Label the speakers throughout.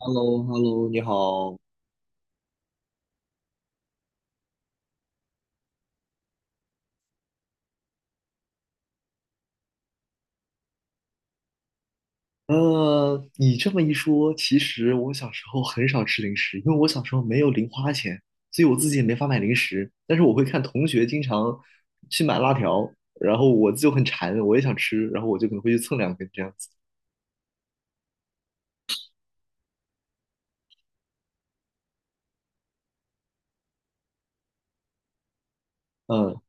Speaker 1: h e l l o h e l l o 你好。你这么一说，其实我小时候很少吃零食，因为我小时候没有零花钱，所以我自己也没法买零食。但是我会看同学经常去买辣条，然后我就很馋，我也想吃，然后我就可能会去蹭两根这样子。嗯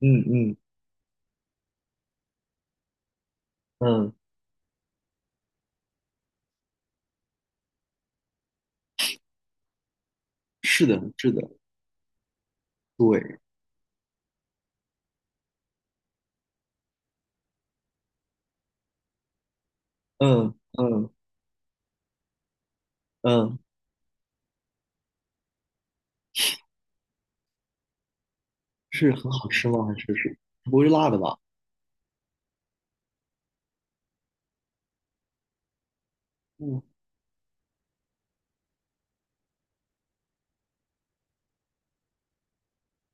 Speaker 1: 嗯嗯嗯，是的，是的，对，嗯嗯嗯，是很好吃吗？是不会是辣的吧？嗯，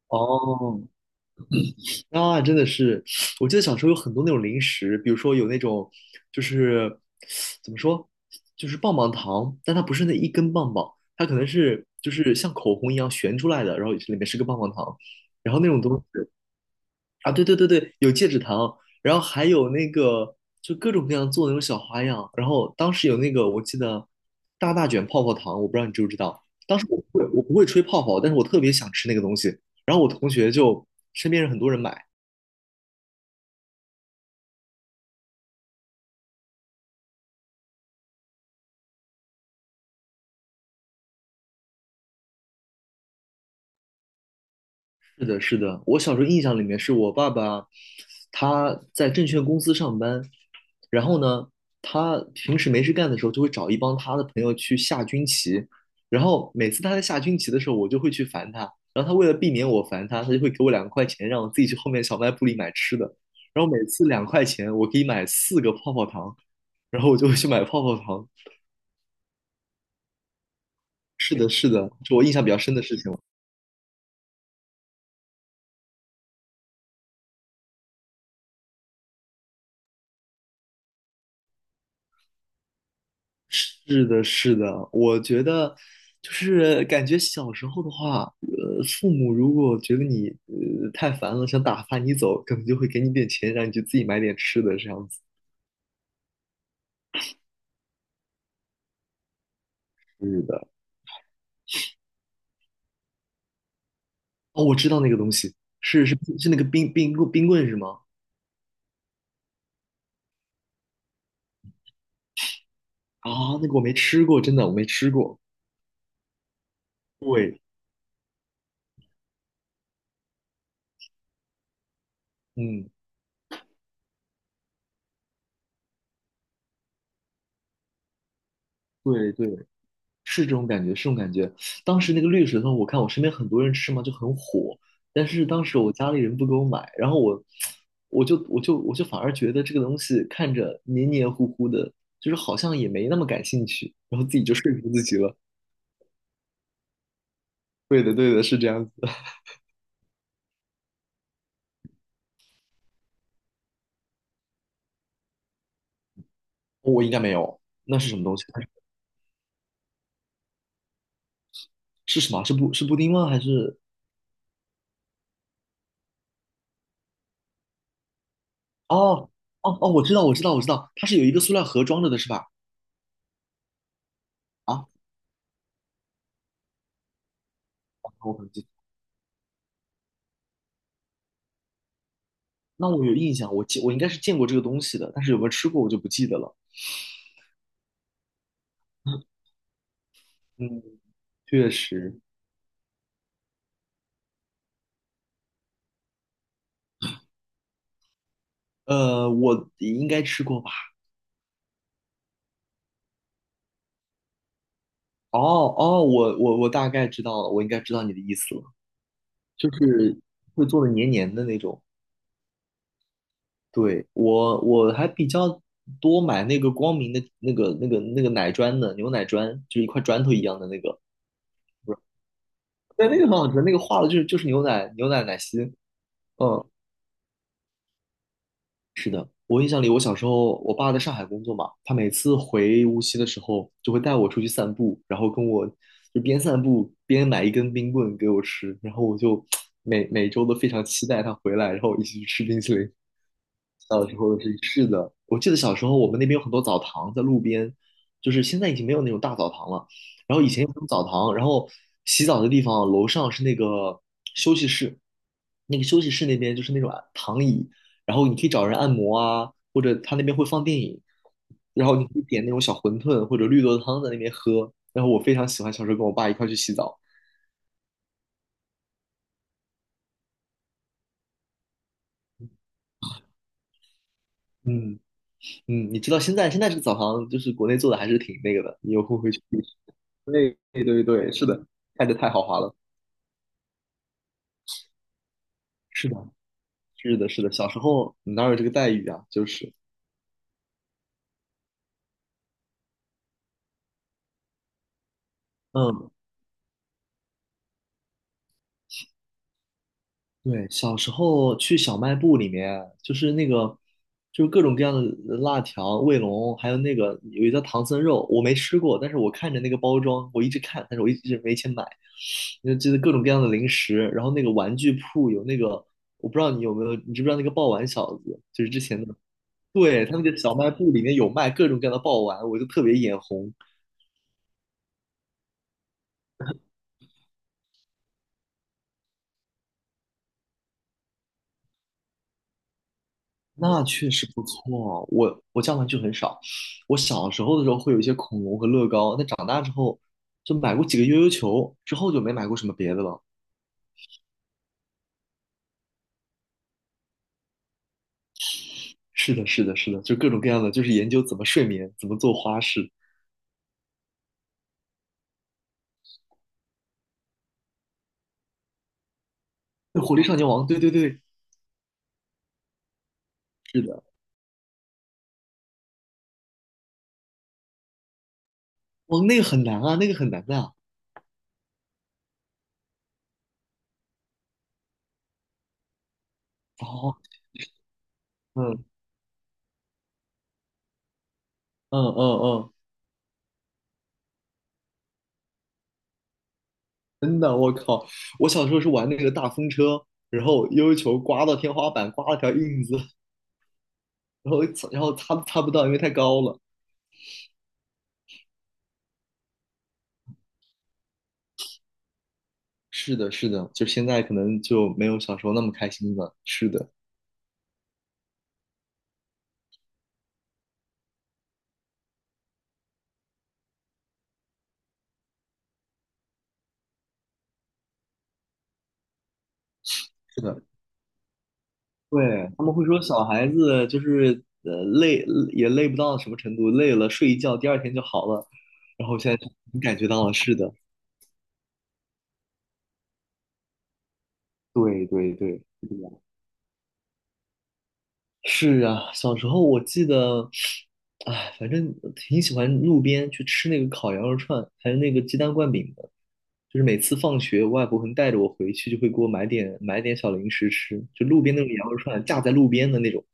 Speaker 1: 哦啊，真的是，我记得小时候有很多那种零食，比如说有那种，就是怎么说，就是棒棒糖，但它不是那一根棒棒，它可能是就是像口红一样旋出来的，然后里面是个棒棒糖，然后那种东西啊，对对对对，有戒指糖，然后还有那个就各种各样做那种小花样，然后当时有那个我记得大大卷泡泡糖，我不知道你知不知道，当时我不会吹泡泡，但是我特别想吃那个东西，然后我同学就身边人很多人买。是的，是的，我小时候印象里面是我爸爸，他在证券公司上班，然后呢，他平时没事干的时候就会找一帮他的朋友去下军棋，然后每次他在下军棋的时候，我就会去烦他，然后他为了避免我烦他，他就会给我两块钱，让我自己去后面小卖部里买吃的，然后每次两块钱我可以买四个泡泡糖，然后我就会去买泡泡糖。是的，是的，是我印象比较深的事情。是的，是的，我觉得就是感觉小时候的话，父母如果觉得你太烦了，想打发你走，可能就会给你点钱，让你去自己买点吃的这样子。是的，哦，我知道那个东西，是是是那个冰棍是吗？啊，那个我没吃过，真的我没吃过。对，嗯，对对，是这种感觉，是这种感觉。当时那个绿舌头，我看我身边很多人吃嘛，就很火。但是当时我家里人不给我买，然后我，我就反而觉得这个东西看着黏黏糊糊的，就是好像也没那么感兴趣，然后自己就说服自己了。对的，对的，是这样子的 我应该没有，那是什么东西？是什么？是布丁吗？还是？哦哦哦，我知道，我知道，我知道，它是有一个塑料盒装着的，是吧？啊，我很记，那我有印象，我应该是见过这个东西的，但是有没有吃过我就不记得了。嗯，确实，我应该吃过吧？哦哦，我大概知道了，我应该知道你的意思了，就是会做的黏黏的那种。对，我还比较多买那个光明的那个奶砖的牛奶砖，就是一块砖头一样的那个，对，那个很好吃，那个化了就是牛奶奶昔，嗯，我印象里，我小时候我爸在上海工作嘛，他每次回无锡的时候就会带我出去散步，然后跟我就边散步边买一根冰棍给我吃，然后我就每周都非常期待他回来，然后一起去吃冰淇淋。小时候的是是的，我记得小时候我们那边有很多澡堂在路边，就是现在已经没有那种大澡堂了。然后以前有那种澡堂，然后洗澡的地方楼上是那个休息室，那个休息室那边就是那种啊躺椅，然后你可以找人按摩啊，或者他那边会放电影，然后你可以点那种小馄饨或者绿豆汤在那边喝。然后我非常喜欢小时候跟我爸一块去洗澡。嗯嗯，你知道现在这个澡堂就是国内做的还是挺那个的，你有空回去试一试。对对对对，是的，看着太豪华了。是的，是的，是的，小时候哪有这个待遇啊？就是，嗯，对，小时候去小卖部里面，就是那个，就是各种各样的辣条、卫龙，还有那个有一个叫唐僧肉，我没吃过，但是我看着那个包装，我一直看，但是我一直没钱买。那就是各种各样的零食，然后那个玩具铺有那个，我不知道你有没有，你知不知道那个爆丸小子，就是之前的，对，他那个小卖部里面有卖各种各样的爆丸，我就特别眼红。那确实不错。我家玩具很少，我小时候的时候会有一些恐龙和乐高，但长大之后就买过几个悠悠球，之后就没买过什么别的了。是的，是的，是的，就各种各样的，就是研究怎么睡眠，怎么做花式。那《火力少年王，对对对，是的，哦，那个很难啊，那个很难的啊。哦，嗯嗯嗯嗯，真的，我靠，我小时候是玩那个大风车，然后悠悠球刮到天花板，刮了条印子，然后然后擦都擦不到，因为太高了。是的，是的，就现在可能就没有小时候那么开心了。是的，是的，对，他们会说小孩子就是累也累不到什么程度，累了睡一觉，第二天就好了。然后现在就能感觉到了，是的，对对对，是啊，小时候我记得，哎，反正挺喜欢路边去吃那个烤羊肉串，还有那个鸡蛋灌饼的。就是每次放学，我外婆会带着我回去，就会给我买点买点小零食吃，就路边那种羊肉串，架在路边的那种，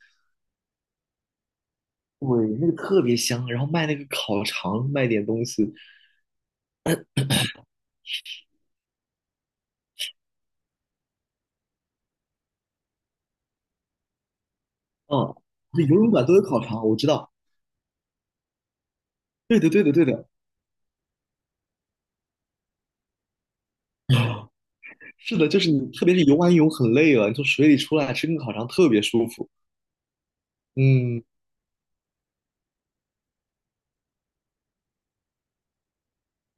Speaker 1: 对，那个特别香。然后卖那个烤肠，卖点东西，嗯，就游泳馆都有烤肠，我知道。对的，对的，对的，是的，就是你，特别是游完泳很累了，你从水里出来吃根烤肠特别舒服。嗯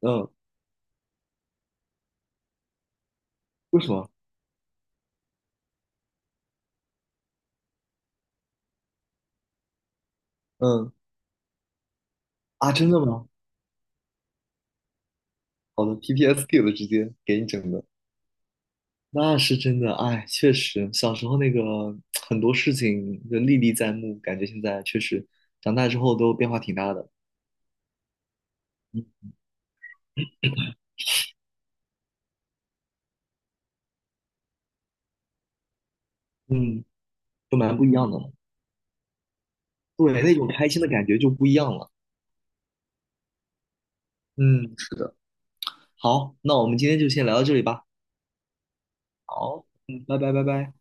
Speaker 1: 嗯，为什么？嗯。啊，真的吗？好的 PPSD 的直接给你整的，那是真的。哎，确实，小时候那个很多事情就历历在目，感觉现在确实长大之后都变化挺大的。嗯，嗯就蛮不一样的了。对，那种开心的感觉就不一样了。嗯，是的。好，那我们今天就先聊到这里吧。好，嗯，拜拜，拜拜。